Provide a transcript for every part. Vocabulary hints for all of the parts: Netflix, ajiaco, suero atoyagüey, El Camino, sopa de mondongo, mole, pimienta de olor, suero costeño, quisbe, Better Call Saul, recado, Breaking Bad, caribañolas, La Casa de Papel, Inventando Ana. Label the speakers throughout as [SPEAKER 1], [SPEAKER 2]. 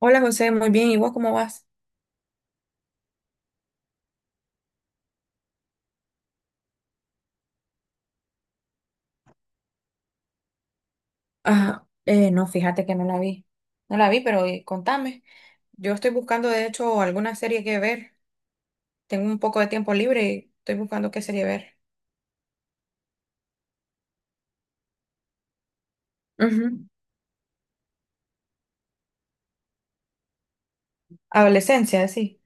[SPEAKER 1] Hola José, muy bien. ¿Y vos cómo vas? Ah, no, fíjate que no la vi. No la vi, pero contame. Yo estoy buscando, de hecho, alguna serie que ver. Tengo un poco de tiempo libre y estoy buscando qué serie ver. Ujú, Adolescencia, sí.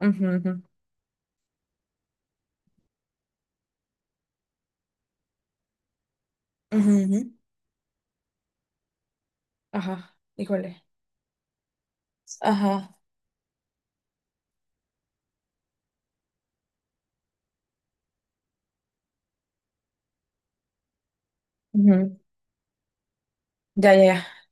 [SPEAKER 1] Ujú, ujú. Ujú, ujú. Ajá, híjole. Ajá, ujú. Ya, ya, ya.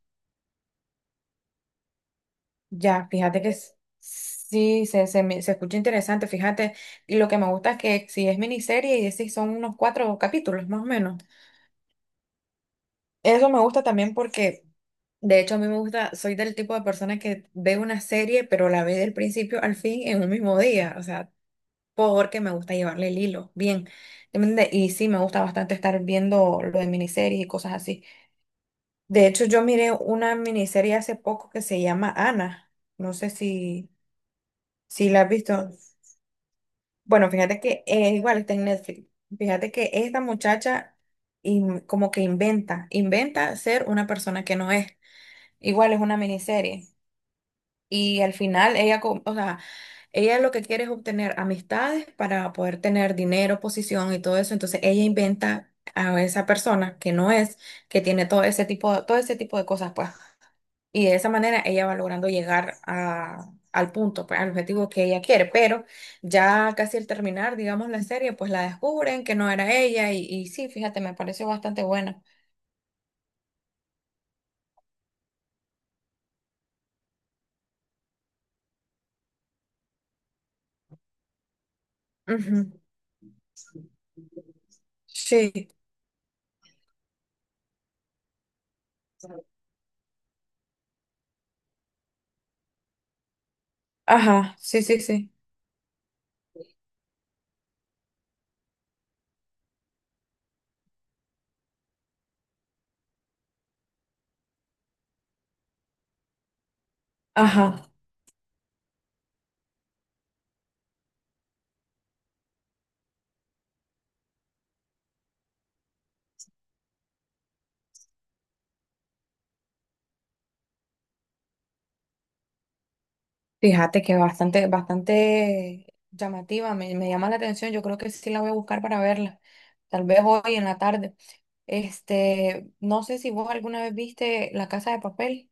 [SPEAKER 1] Ya, se escucha interesante, fíjate. Y lo que me gusta es que si es miniserie y decís son unos cuatro capítulos, más o menos. Eso me gusta también porque de hecho, a mí me gusta, soy del tipo de persona que ve una serie, pero la ve del principio al fin en un mismo día, o sea, porque me gusta llevarle el hilo, bien. ¿Entiende? Y sí, me gusta bastante estar viendo lo de miniseries y cosas así. De hecho, yo miré una miniserie hace poco que se llama Ana, no sé si, si la has visto. Bueno, fíjate que igual está en Netflix. Fíjate que esta muchacha como que inventa ser una persona que no es. Igual es una miniserie. Y al final o sea, ella lo que quiere es obtener amistades para poder tener dinero, posición y todo eso. Entonces ella inventa a esa persona que no es, que tiene todo ese tipo de cosas, pues. Y de esa manera ella va logrando al punto, pues, al objetivo que ella quiere. Pero ya casi al terminar, digamos, la serie, pues la descubren que no era ella. Y sí, fíjate, me pareció bastante buena. Ujú. Sí. Ajá, sí, sí, sí. Ajá. Fíjate que bastante, bastante llamativa, me llama la atención. Yo creo que sí la voy a buscar para verla, tal vez hoy en la tarde. Este, no sé si vos alguna vez viste La Casa de Papel,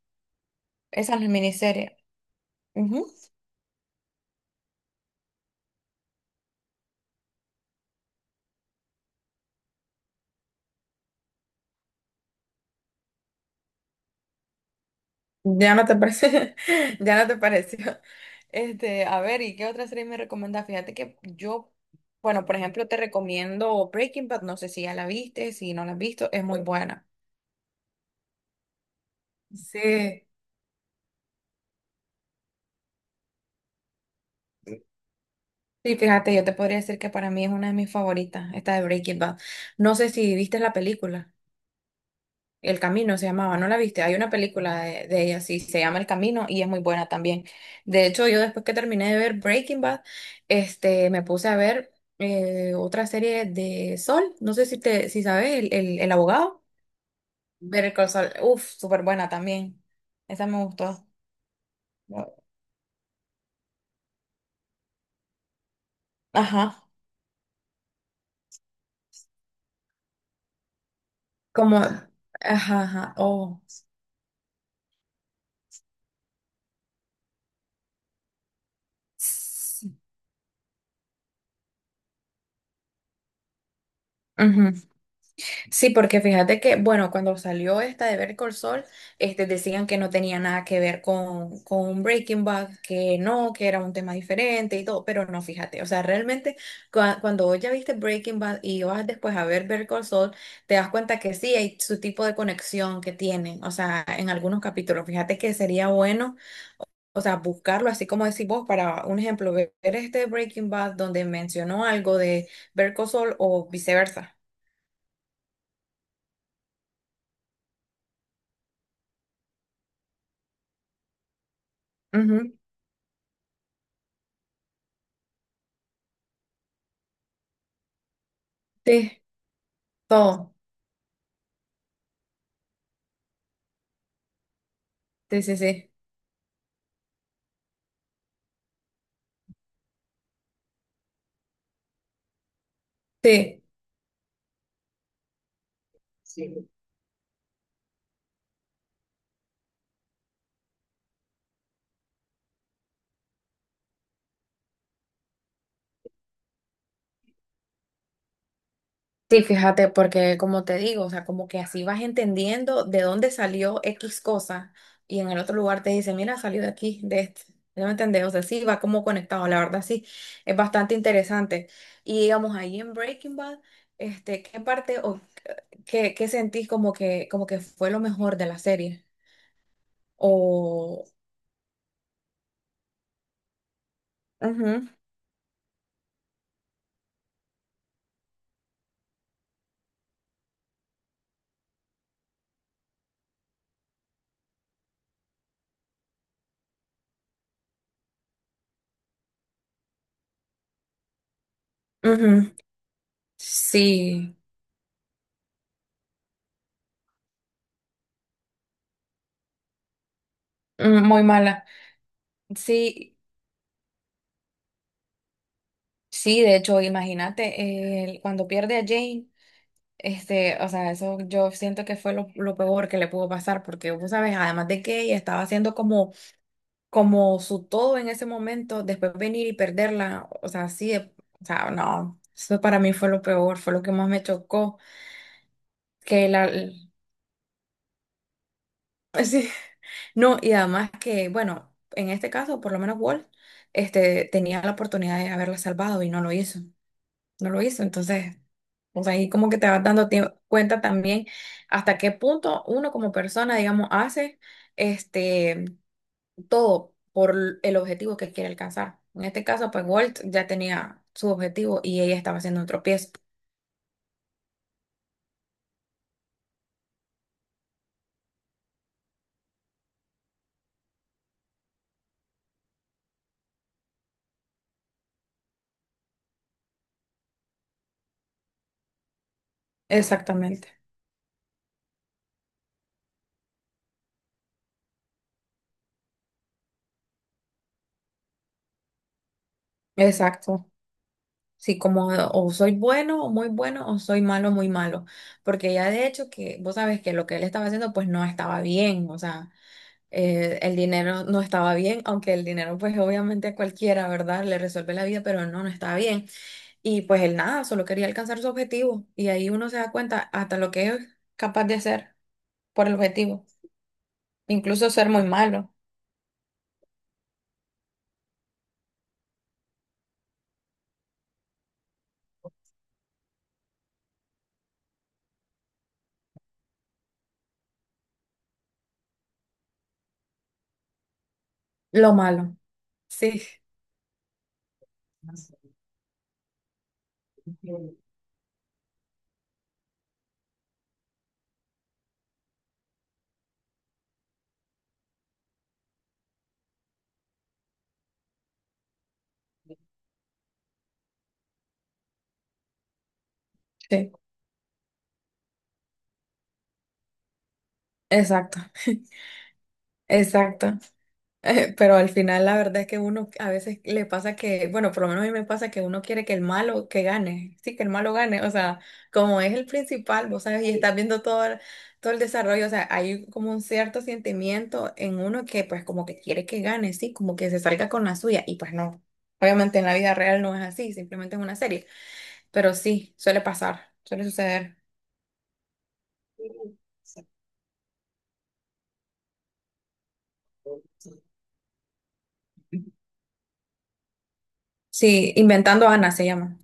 [SPEAKER 1] esa es la miniserie. Ujú. Ya no te parece, ya no te pareció. Este, a ver, ¿y qué otra serie me recomendás? Fíjate que yo, bueno, por ejemplo, te recomiendo Breaking Bad, no sé si ya la viste, si no la has visto, es muy buena. Sí, sí, fíjate, yo te podría decir que para mí es una de mis favoritas, esta de Breaking Bad. No sé si viste la película, El Camino se llamaba, ¿no la viste? Hay una película de ella, sí, se llama El Camino y es muy buena también. De hecho, yo después que terminé de ver Breaking Bad, este, me puse a ver otra serie de Sol, no sé si te, si sabes, el abogado, Better Call Saul, uff, súper buena también. Esa me gustó. Ajá, como, ajá, ajá, oh. Sí, ujú. Sí, porque fíjate que, bueno, cuando salió esta de Better Call Saul, este, decían que no tenía nada que ver con Breaking Bad, que no, que era un tema diferente y todo, pero no, fíjate, o sea, realmente cuando vos ya viste Breaking Bad y vas después a ver Better Call Saul, te das cuenta que sí hay su tipo de conexión que tienen, o sea, en algunos capítulos, fíjate que sería bueno, o sea, buscarlo, así como decís vos, para un ejemplo, ver este Breaking Bad donde mencionó algo de Better Call Saul o viceversa. Ujú, sí. Todo. Sí, sí, sí. Sí. Sí, fíjate, porque como te digo, o sea, como que así vas entendiendo de dónde salió X cosa y en el otro lugar te dice, mira, salió de aquí, de este. ¿Ya me entendés? O sea, sí, va como conectado, la verdad, sí, es bastante interesante. Y digamos, ahí en Breaking Bad, este, ¿qué parte o qué, qué sentís como que fue lo mejor de la serie? O... Ujú, ujú. Sí, mm, muy mala. Sí, sí, de hecho, imagínate, cuando pierde a Jane, este, o sea, eso yo siento que fue lo peor que le pudo pasar, porque vos sabes, además de que ella estaba haciendo como, como su todo en ese momento, después venir y perderla, o sea, sí, o sea, no, eso para mí fue lo peor, fue lo que más me chocó, que la, el- sí, no, y además que, bueno, en este caso, por lo menos Walt, este, tenía la oportunidad de haberla salvado y no lo hizo. No lo hizo. Entonces, o sea, ahí como que te vas dando cuenta también hasta qué punto uno como persona, digamos, hace este todo por el objetivo que quiere alcanzar. En este caso, pues Walt ya tenía su objetivo y ella estaba haciendo un tropiezo. Exactamente. Exacto. Sí, como o soy bueno o muy bueno o soy malo muy malo, porque ya de hecho que vos sabes que lo que él estaba haciendo pues no estaba bien, o sea, el dinero no estaba bien, aunque el dinero pues obviamente a cualquiera, ¿verdad? Le resuelve la vida, pero no, no estaba bien. Y pues él nada, solo quería alcanzar su objetivo y ahí uno se da cuenta hasta lo que es capaz de hacer por el objetivo, incluso ser muy malo, lo malo. Sí, sí, exacto, exacto. Pero al final la verdad es que uno a veces le pasa que, bueno, por lo menos a mí me pasa que uno quiere que el malo que gane, sí, que el malo gane, o sea, como es el principal, vos sabes, y estás viendo todo, todo el desarrollo, o sea, hay como un cierto sentimiento en uno que pues como que quiere que gane, sí, como que se salga con la suya, y pues no, obviamente en la vida real no es así, simplemente es una serie, pero sí, suele pasar, suele suceder. Sí, Inventando Ana se llama,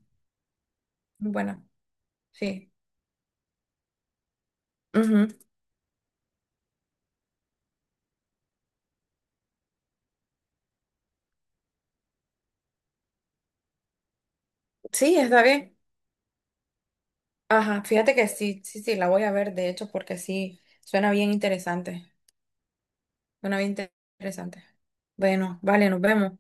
[SPEAKER 1] bueno sí. Ujú. Sí, está bien. Ajá, fíjate que sí, sí, sí, la voy a ver, de hecho, porque sí, suena bien interesante. Suena bien interesante. Bueno, vale, nos vemos.